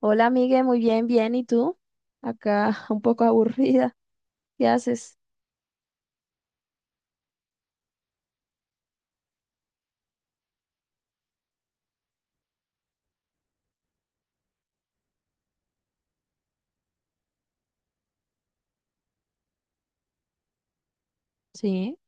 Hola, Migue, muy bien, bien. ¿Y tú? Acá un poco aburrida. ¿Qué haces? Sí.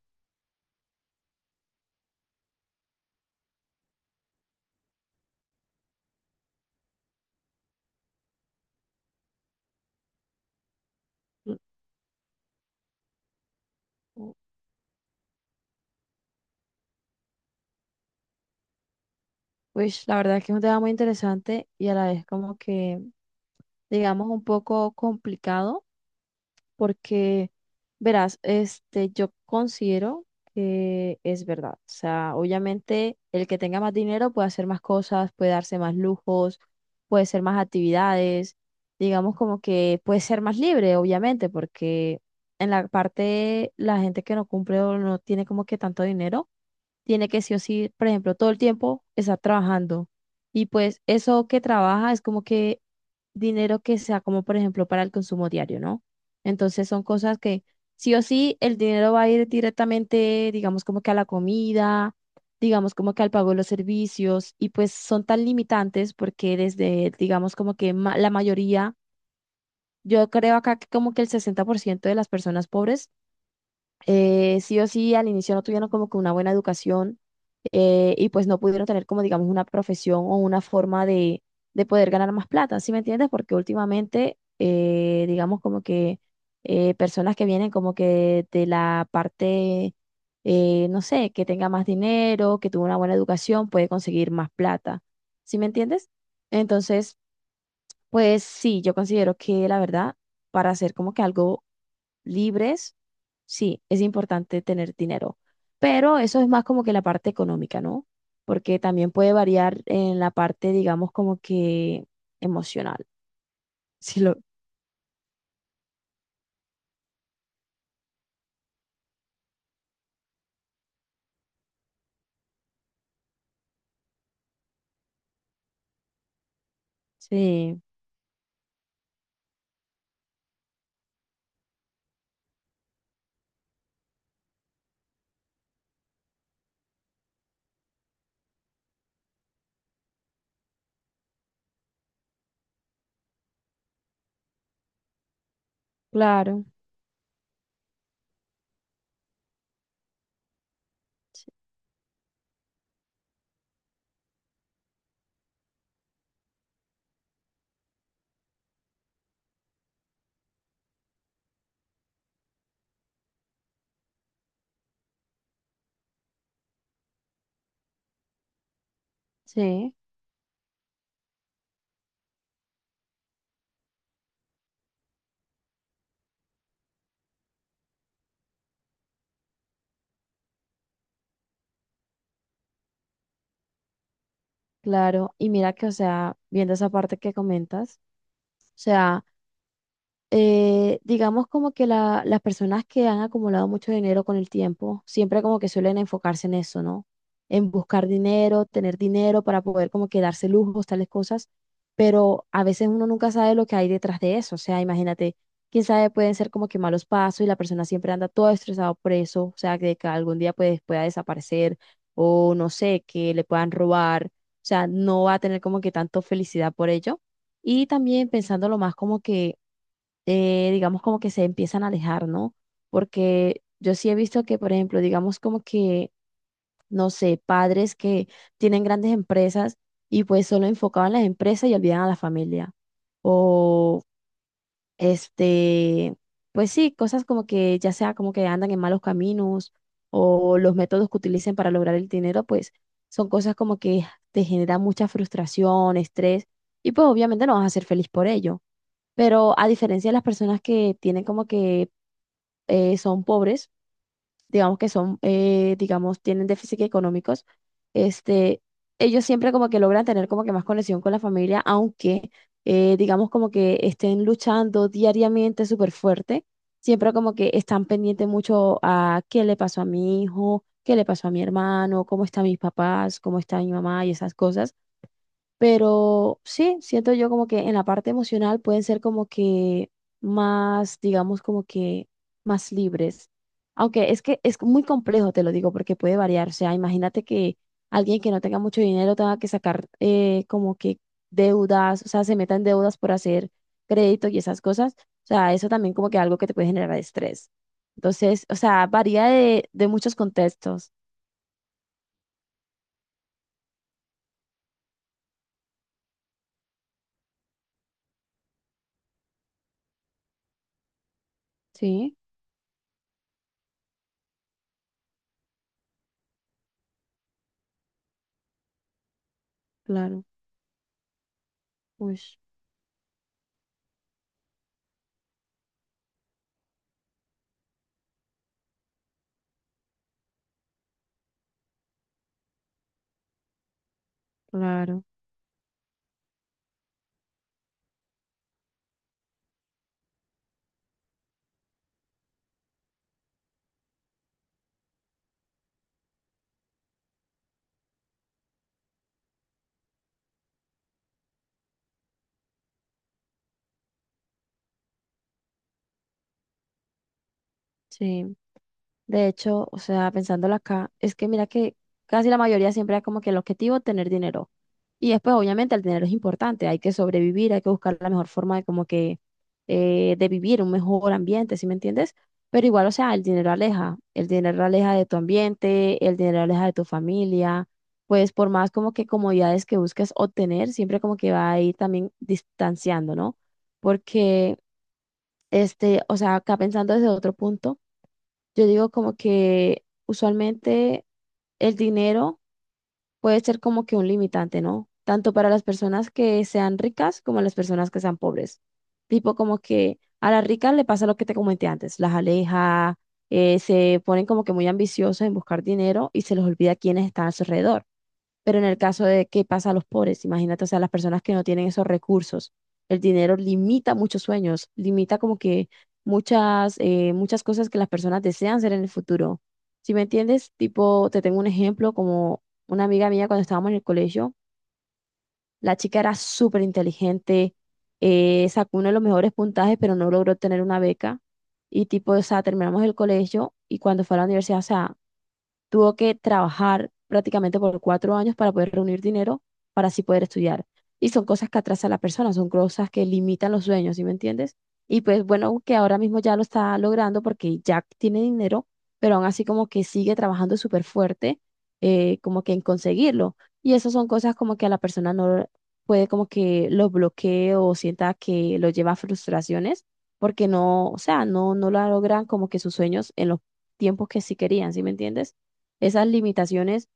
Pues la verdad que es un tema muy interesante y a la vez como que, digamos, un poco complicado. Porque, verás, yo considero que es verdad. O sea, obviamente el que tenga más dinero puede hacer más cosas, puede darse más lujos, puede hacer más actividades, digamos como que puede ser más libre, obviamente, porque en la parte la gente que no cumple o no tiene como que tanto dinero tiene que sí o sí, por ejemplo, todo el tiempo estar trabajando. Y pues eso que trabaja es como que dinero que sea como, por ejemplo, para el consumo diario, ¿no? Entonces son cosas que sí o sí el dinero va a ir directamente, digamos, como que a la comida, digamos, como que al pago de los servicios. Y pues son tan limitantes porque desde, digamos, como que la mayoría, yo creo acá que como que el 60% de las personas pobres sí o sí al inicio no tuvieron como que una buena educación y pues no pudieron tener como digamos una profesión o una forma de poder ganar más plata, ¿sí me entiendes? Porque últimamente digamos como que personas que vienen como que de la parte, no sé, que tenga más dinero, que tuvo una buena educación, puede conseguir más plata, ¿sí me entiendes? Entonces, pues sí, yo considero que la verdad, para hacer como que algo libres, sí, es importante tener dinero, pero eso es más como que la parte económica, ¿no? Porque también puede variar en la parte, digamos, como que emocional. Sí, lo... Sí, claro, sí, claro. Y mira que, o sea, viendo esa parte que comentas, o sea, digamos como que las personas que han acumulado mucho dinero con el tiempo, siempre como que suelen enfocarse en eso, ¿no? En buscar dinero, tener dinero para poder como que darse lujos, tales cosas, pero a veces uno nunca sabe lo que hay detrás de eso, o sea, imagínate, quién sabe, pueden ser como que malos pasos y la persona siempre anda todo estresado por eso, o sea, que algún día pues pueda desaparecer o no sé, que le puedan robar, o sea, no va a tener como que tanto felicidad por ello. Y también pensándolo más como que digamos, como que se empiezan a alejar, ¿no? Porque yo sí he visto que, por ejemplo, digamos como que, no sé, padres que tienen grandes empresas y pues solo enfocaban las empresas y olvidan a la familia. O, este, pues sí, cosas como que ya sea como que andan en malos caminos o los métodos que utilicen para lograr el dinero, pues son cosas como que te generan mucha frustración, estrés y pues obviamente no vas a ser feliz por ello. Pero a diferencia de las personas que tienen como que son pobres, digamos que son, digamos, tienen déficit económicos, este, ellos siempre como que logran tener como que más conexión con la familia, aunque digamos como que estén luchando diariamente súper fuerte, siempre como que están pendientes mucho a qué le pasó a mi hijo, qué le pasó a mi hermano, cómo están mis papás, cómo está mi mamá y esas cosas. Pero sí, siento yo como que en la parte emocional pueden ser como que más, digamos, como que más libres. Aunque es que es muy complejo, te lo digo, porque puede variar. O sea, imagínate que alguien que no tenga mucho dinero tenga que sacar como que deudas, o sea, se meta en deudas por hacer crédito y esas cosas. O sea, eso también como que algo que te puede generar estrés. Entonces, o sea, varía de muchos contextos. Sí, claro. Uy, claro. Sí. De hecho, o sea, pensándolo acá, es que mira que casi la mayoría siempre es como que el objetivo tener dinero. Y después, obviamente, el dinero es importante, hay que sobrevivir, hay que buscar la mejor forma de como que de vivir un mejor ambiente, ¿sí me entiendes? Pero igual, o sea, el dinero aleja de tu ambiente, el dinero aleja de tu familia, pues por más como que comodidades que busques obtener, siempre como que va a ir también distanciando, ¿no? Porque, o sea, acá pensando desde otro punto. Yo digo como que usualmente el dinero puede ser como que un limitante, ¿no? Tanto para las personas que sean ricas como las personas que sean pobres. Tipo como que a las ricas le pasa lo que te comenté antes, las aleja, se ponen como que muy ambiciosas en buscar dinero y se les olvida quiénes están a su alrededor. Pero en el caso de qué pasa a los pobres, imagínate, o sea, las personas que no tienen esos recursos, el dinero limita muchos sueños, limita como que muchas, muchas cosas que las personas desean hacer en el futuro. Si me entiendes, tipo, te tengo un ejemplo como una amiga mía cuando estábamos en el colegio, la chica era súper inteligente, sacó uno de los mejores puntajes, pero no logró tener una beca. Y tipo, o sea, terminamos el colegio y cuando fue a la universidad, o sea, tuvo que trabajar prácticamente por 4 años para poder reunir dinero para así poder estudiar. Y son cosas que atrasan a la persona, son cosas que limitan los sueños, ¿sí me entiendes? Y pues bueno, que ahora mismo ya lo está logrando porque ya tiene dinero, pero aún así como que sigue trabajando súper fuerte, como que en conseguirlo. Y esas son cosas como que a la persona no puede como que lo bloquee o sienta que lo lleva a frustraciones porque no, o sea, no, no lo logran como que sus sueños en los tiempos que sí querían, ¿sí me entiendes? Esas limitaciones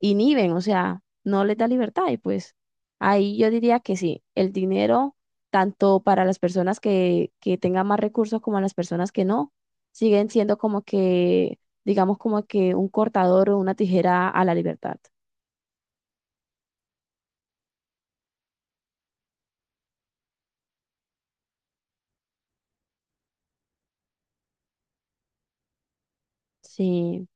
inhiben, o sea, no les da libertad. Y pues ahí yo diría que sí, el dinero, tanto para las personas que tengan más recursos como a las personas que no, siguen siendo como que, digamos, como que un cortador o una tijera a la libertad. Sí,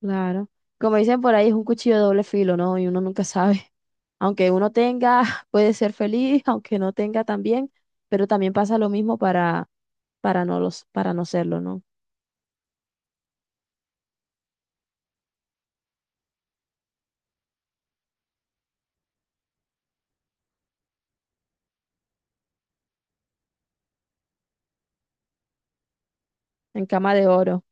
claro. Como dicen por ahí, es un cuchillo de doble filo, ¿no? Y uno nunca sabe. Aunque uno tenga, puede ser feliz, aunque no tenga también, pero también pasa lo mismo para no los, para no serlo, ¿no? En cama de oro.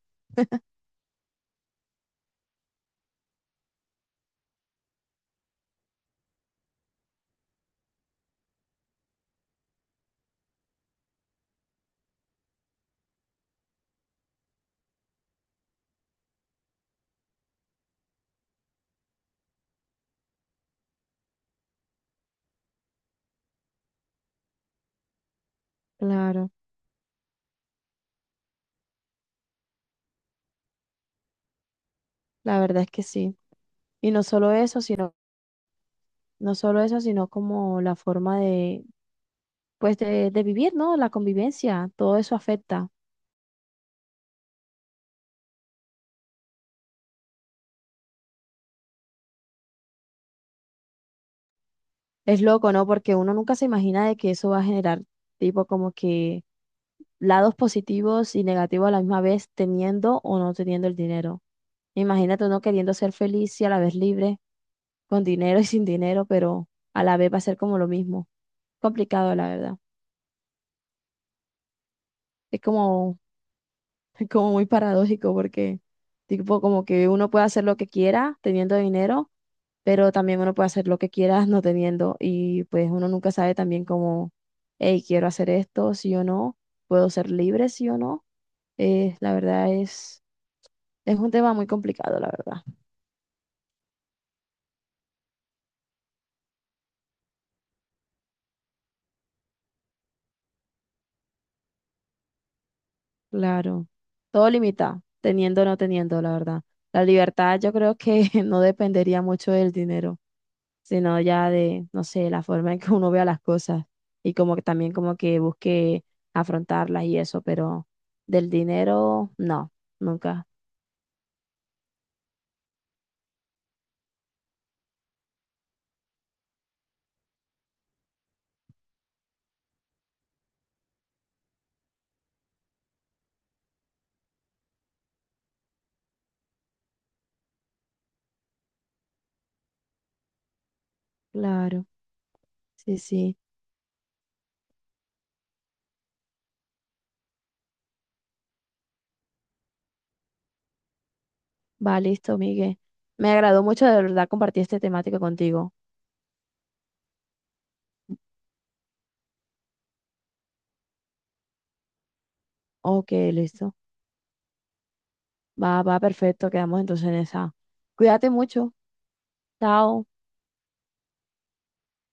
Claro, la verdad es que sí. Y no solo eso, sino, no solo eso, sino como la forma de, pues, de vivir, ¿no? La convivencia, todo eso afecta. Es loco, ¿no? Porque uno nunca se imagina de que eso va a generar, tipo, como que lados positivos y negativos a la misma vez, teniendo o no teniendo el dinero. Imagínate uno queriendo ser feliz y a la vez libre, con dinero y sin dinero, pero a la vez va a ser como lo mismo. Complicado, la verdad. Es como como muy paradójico porque, tipo, como que uno puede hacer lo que quiera teniendo dinero, pero también uno puede hacer lo que quiera no teniendo. Y pues uno nunca sabe también como, hey, quiero hacer esto, sí o no, puedo ser libre, sí o no. La verdad es un tema muy complicado, la verdad. Claro, todo limita, teniendo o no teniendo, la verdad. La libertad yo creo que no dependería mucho del dinero, sino ya de, no sé, la forma en que uno vea las cosas y como que también como que busque afrontarlas y eso, pero del dinero, no, nunca. Claro, sí, sí. Va, listo, Miguel. Me agradó mucho de verdad compartir este temático contigo. Ok, listo. Va, va, perfecto. Quedamos entonces en esa. Cuídate mucho. Chao.